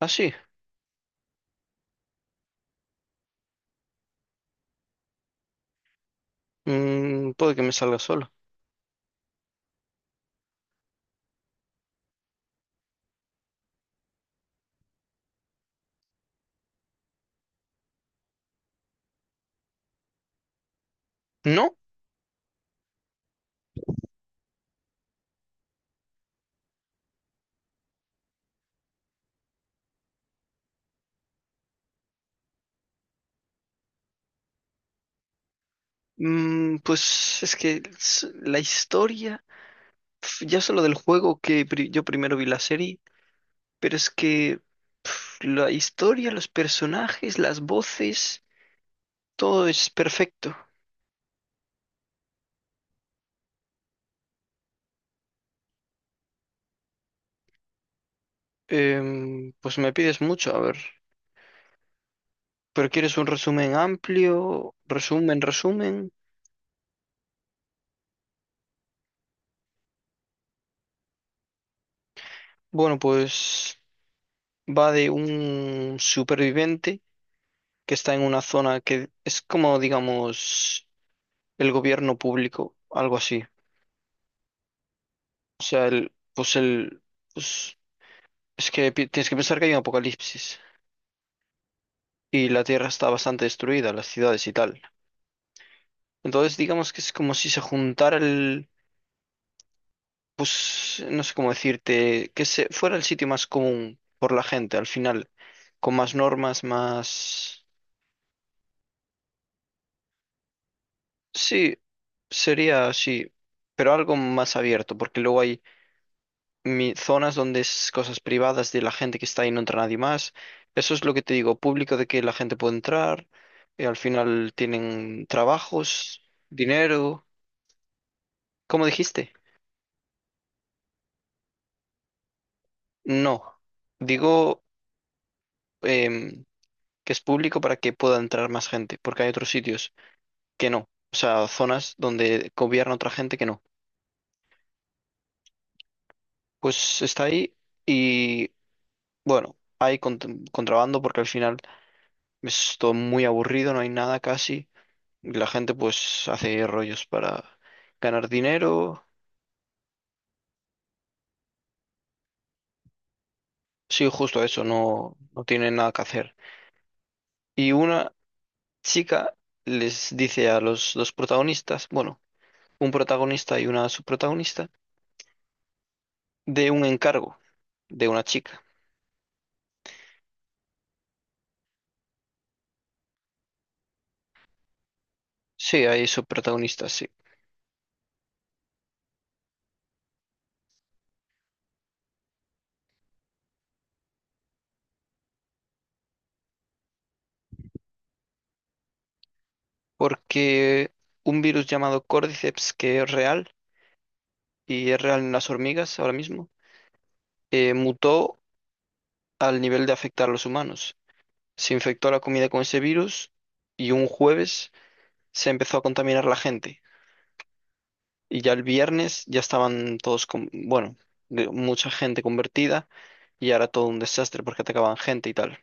Ah, sí, puede que me salga solo. No, pues es que la historia, ya solo del juego que yo primero vi la serie, pero es que la historia, los personajes, las voces, todo es perfecto. Pues me pides mucho, a ver, pero ¿quieres un resumen amplio? Resumen, resumen. Bueno, pues va de un superviviente que está en una zona que es como, digamos, el gobierno público, algo así. O sea, pues es que tienes que pensar que hay un apocalipsis y la Tierra está bastante destruida, las ciudades y tal. Entonces, digamos que es como si se juntara el, pues no sé cómo decirte, que se fuera el sitio más común por la gente al final, con más normas, más, sí, sería así, pero algo más abierto, porque luego hay zonas donde es cosas privadas de la gente que está ahí, no entra nadie más. Eso es lo que te digo, público de que la gente puede entrar, al final tienen trabajos, dinero. ¿Cómo dijiste? No, digo em, que es público para que pueda entrar más gente, porque hay otros sitios que no, o sea, zonas donde gobierna otra gente que no. Pues está ahí y bueno, hay contrabando porque al final es todo muy aburrido, no hay nada casi. Y la gente pues hace rollos para ganar dinero. Sí, justo eso, no, no tienen nada que hacer. Y una chica les dice a los dos protagonistas, bueno, un protagonista y una subprotagonista, de un encargo de una chica. Sí, hay subprotagonistas, sí. Porque un virus llamado Cordyceps, que es real, y es real en las hormigas ahora mismo, mutó al nivel de afectar a los humanos. Se infectó la comida con ese virus y un jueves se empezó a contaminar la gente. Y ya el viernes ya estaban todos, con, bueno, mucha gente convertida y ahora todo un desastre porque atacaban gente y tal,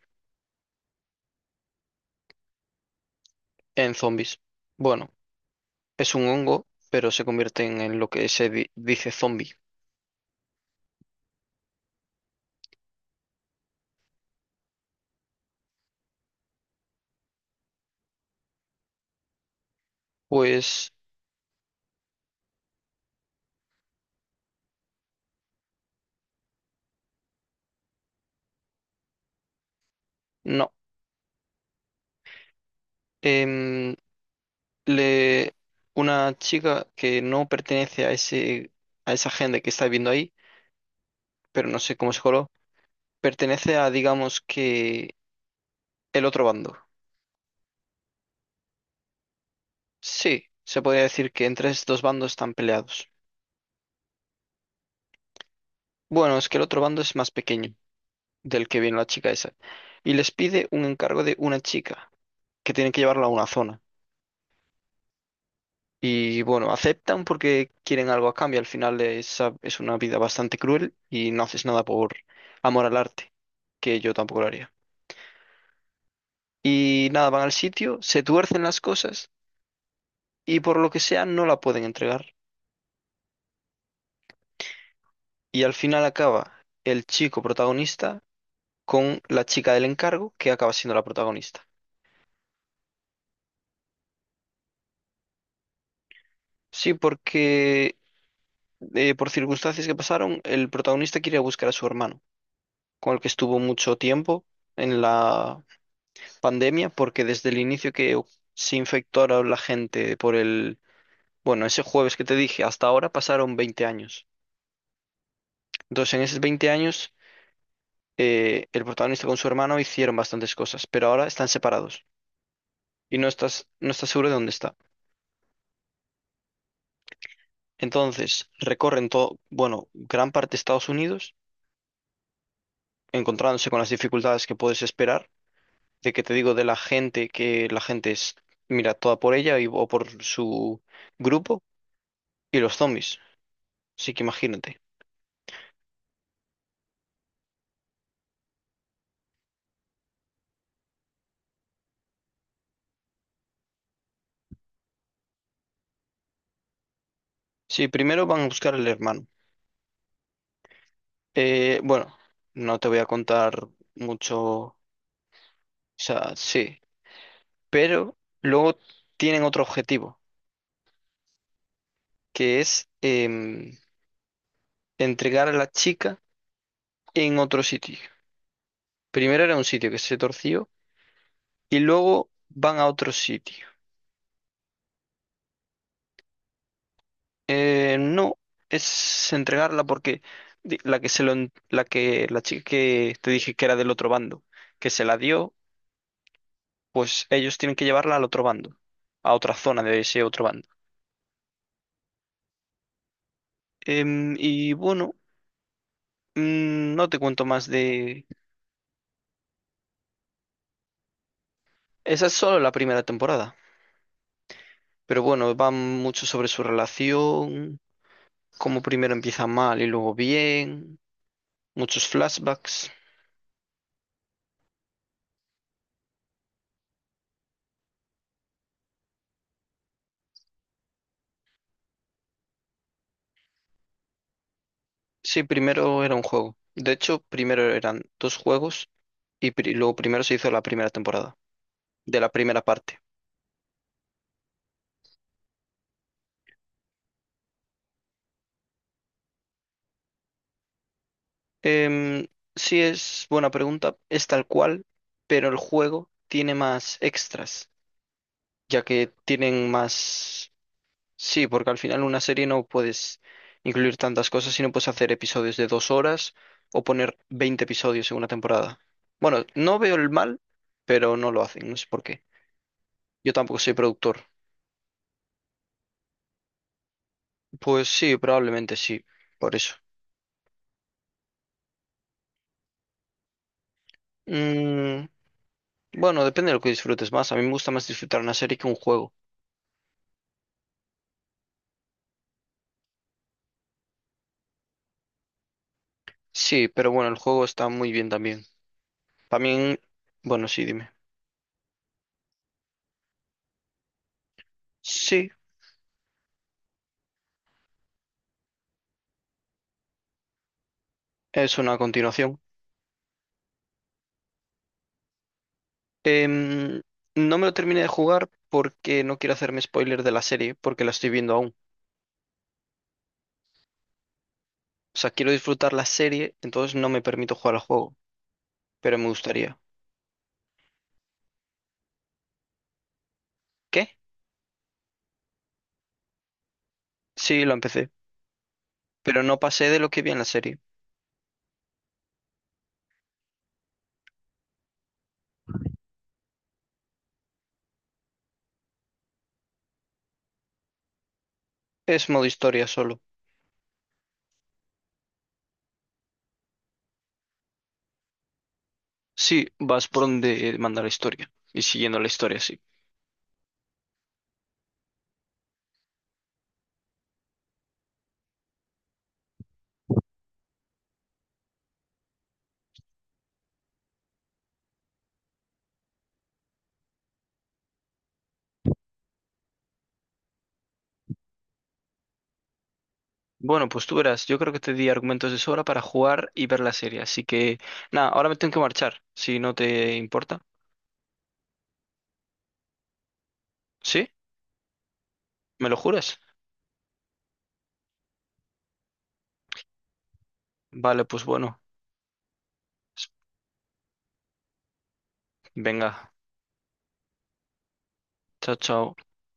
en zombies. Bueno, es un hongo, pero se convierten en lo que se dice zombie. Pues no. Em, Le, una chica que no pertenece a ese, a esa gente que está viviendo ahí, pero no sé cómo se coló, pertenece a, digamos que, el otro bando. Sí, se podría decir que entre estos dos bandos están peleados. Bueno, es que el otro bando es más pequeño, del que viene la chica esa, y les pide un encargo de una chica, que tienen que llevarla a una zona. Y bueno, aceptan porque quieren algo a cambio, al final es una vida bastante cruel y no haces nada por amor al arte, que yo tampoco lo haría. Y nada, van al sitio, se tuercen las cosas y por lo que sea no la pueden entregar. Y al final acaba el chico protagonista con la chica del encargo que acaba siendo la protagonista. Sí, porque por circunstancias que pasaron, el protagonista quiere buscar a su hermano, con el que estuvo mucho tiempo en la pandemia, porque desde el inicio que se infectó a la gente por el, bueno, ese jueves que te dije, hasta ahora pasaron 20 años. Entonces, en esos 20 años, el protagonista con su hermano hicieron bastantes cosas, pero ahora están separados y no estás seguro de dónde está. Entonces, recorren todo, bueno, gran parte de Estados Unidos encontrándose con las dificultades que puedes esperar, de que te digo de la gente, que la gente es, mira, toda por ella y, o por su grupo, y los zombies. Así que imagínate. Sí, primero van a buscar al hermano. Bueno, no te voy a contar mucho, o sea, sí, pero luego tienen otro objetivo, que es entregar a la chica en otro sitio. Primero era un sitio que se torció y luego van a otro sitio. No, es entregarla porque di- la que se lo, en- la que la chica que te dije que era del otro bando, que se la dio, pues ellos tienen que llevarla al otro bando, a otra zona de ese otro bando. Y bueno, no te cuento más de... Esa es solo la primera temporada, pero bueno, va mucho sobre su relación, cómo primero empieza mal y luego bien, muchos flashbacks. Sí, primero era un juego. De hecho, primero eran dos juegos. Y lo primero se hizo la primera temporada, de la primera parte. Em, sí es buena pregunta, es tal cual, pero el juego tiene más extras, ya que tienen más... Sí, porque al final una serie no puedes incluir tantas cosas, sino puedes hacer episodios de 2 horas o poner 20 episodios en una temporada. Bueno, no veo el mal, pero no lo hacen, no sé por qué. Yo tampoco soy productor. Pues sí, probablemente sí, por eso. Mm, bueno, depende de lo que disfrutes más. A mí me gusta más disfrutar una serie que un juego. Sí, pero bueno, el juego está muy bien también. También, bueno, sí, dime. Sí, es una continuación. Em, no me lo terminé de jugar porque no quiero hacerme spoiler de la serie, porque la estoy viendo aún. O sea, quiero disfrutar la serie, entonces no me permito jugar al juego, pero me gustaría. ¿Qué? Sí, lo empecé, pero no pasé de lo que vi en la serie. Es modo historia solo. Sí, vas por donde manda la historia y siguiendo la historia, sí. Bueno, pues tú verás, yo creo que te di argumentos de sobra para jugar y ver la serie, así que nada, ahora me tengo que marchar, si no te importa. ¿Sí? ¿Me lo juras? Vale, pues bueno, venga, chao, chao.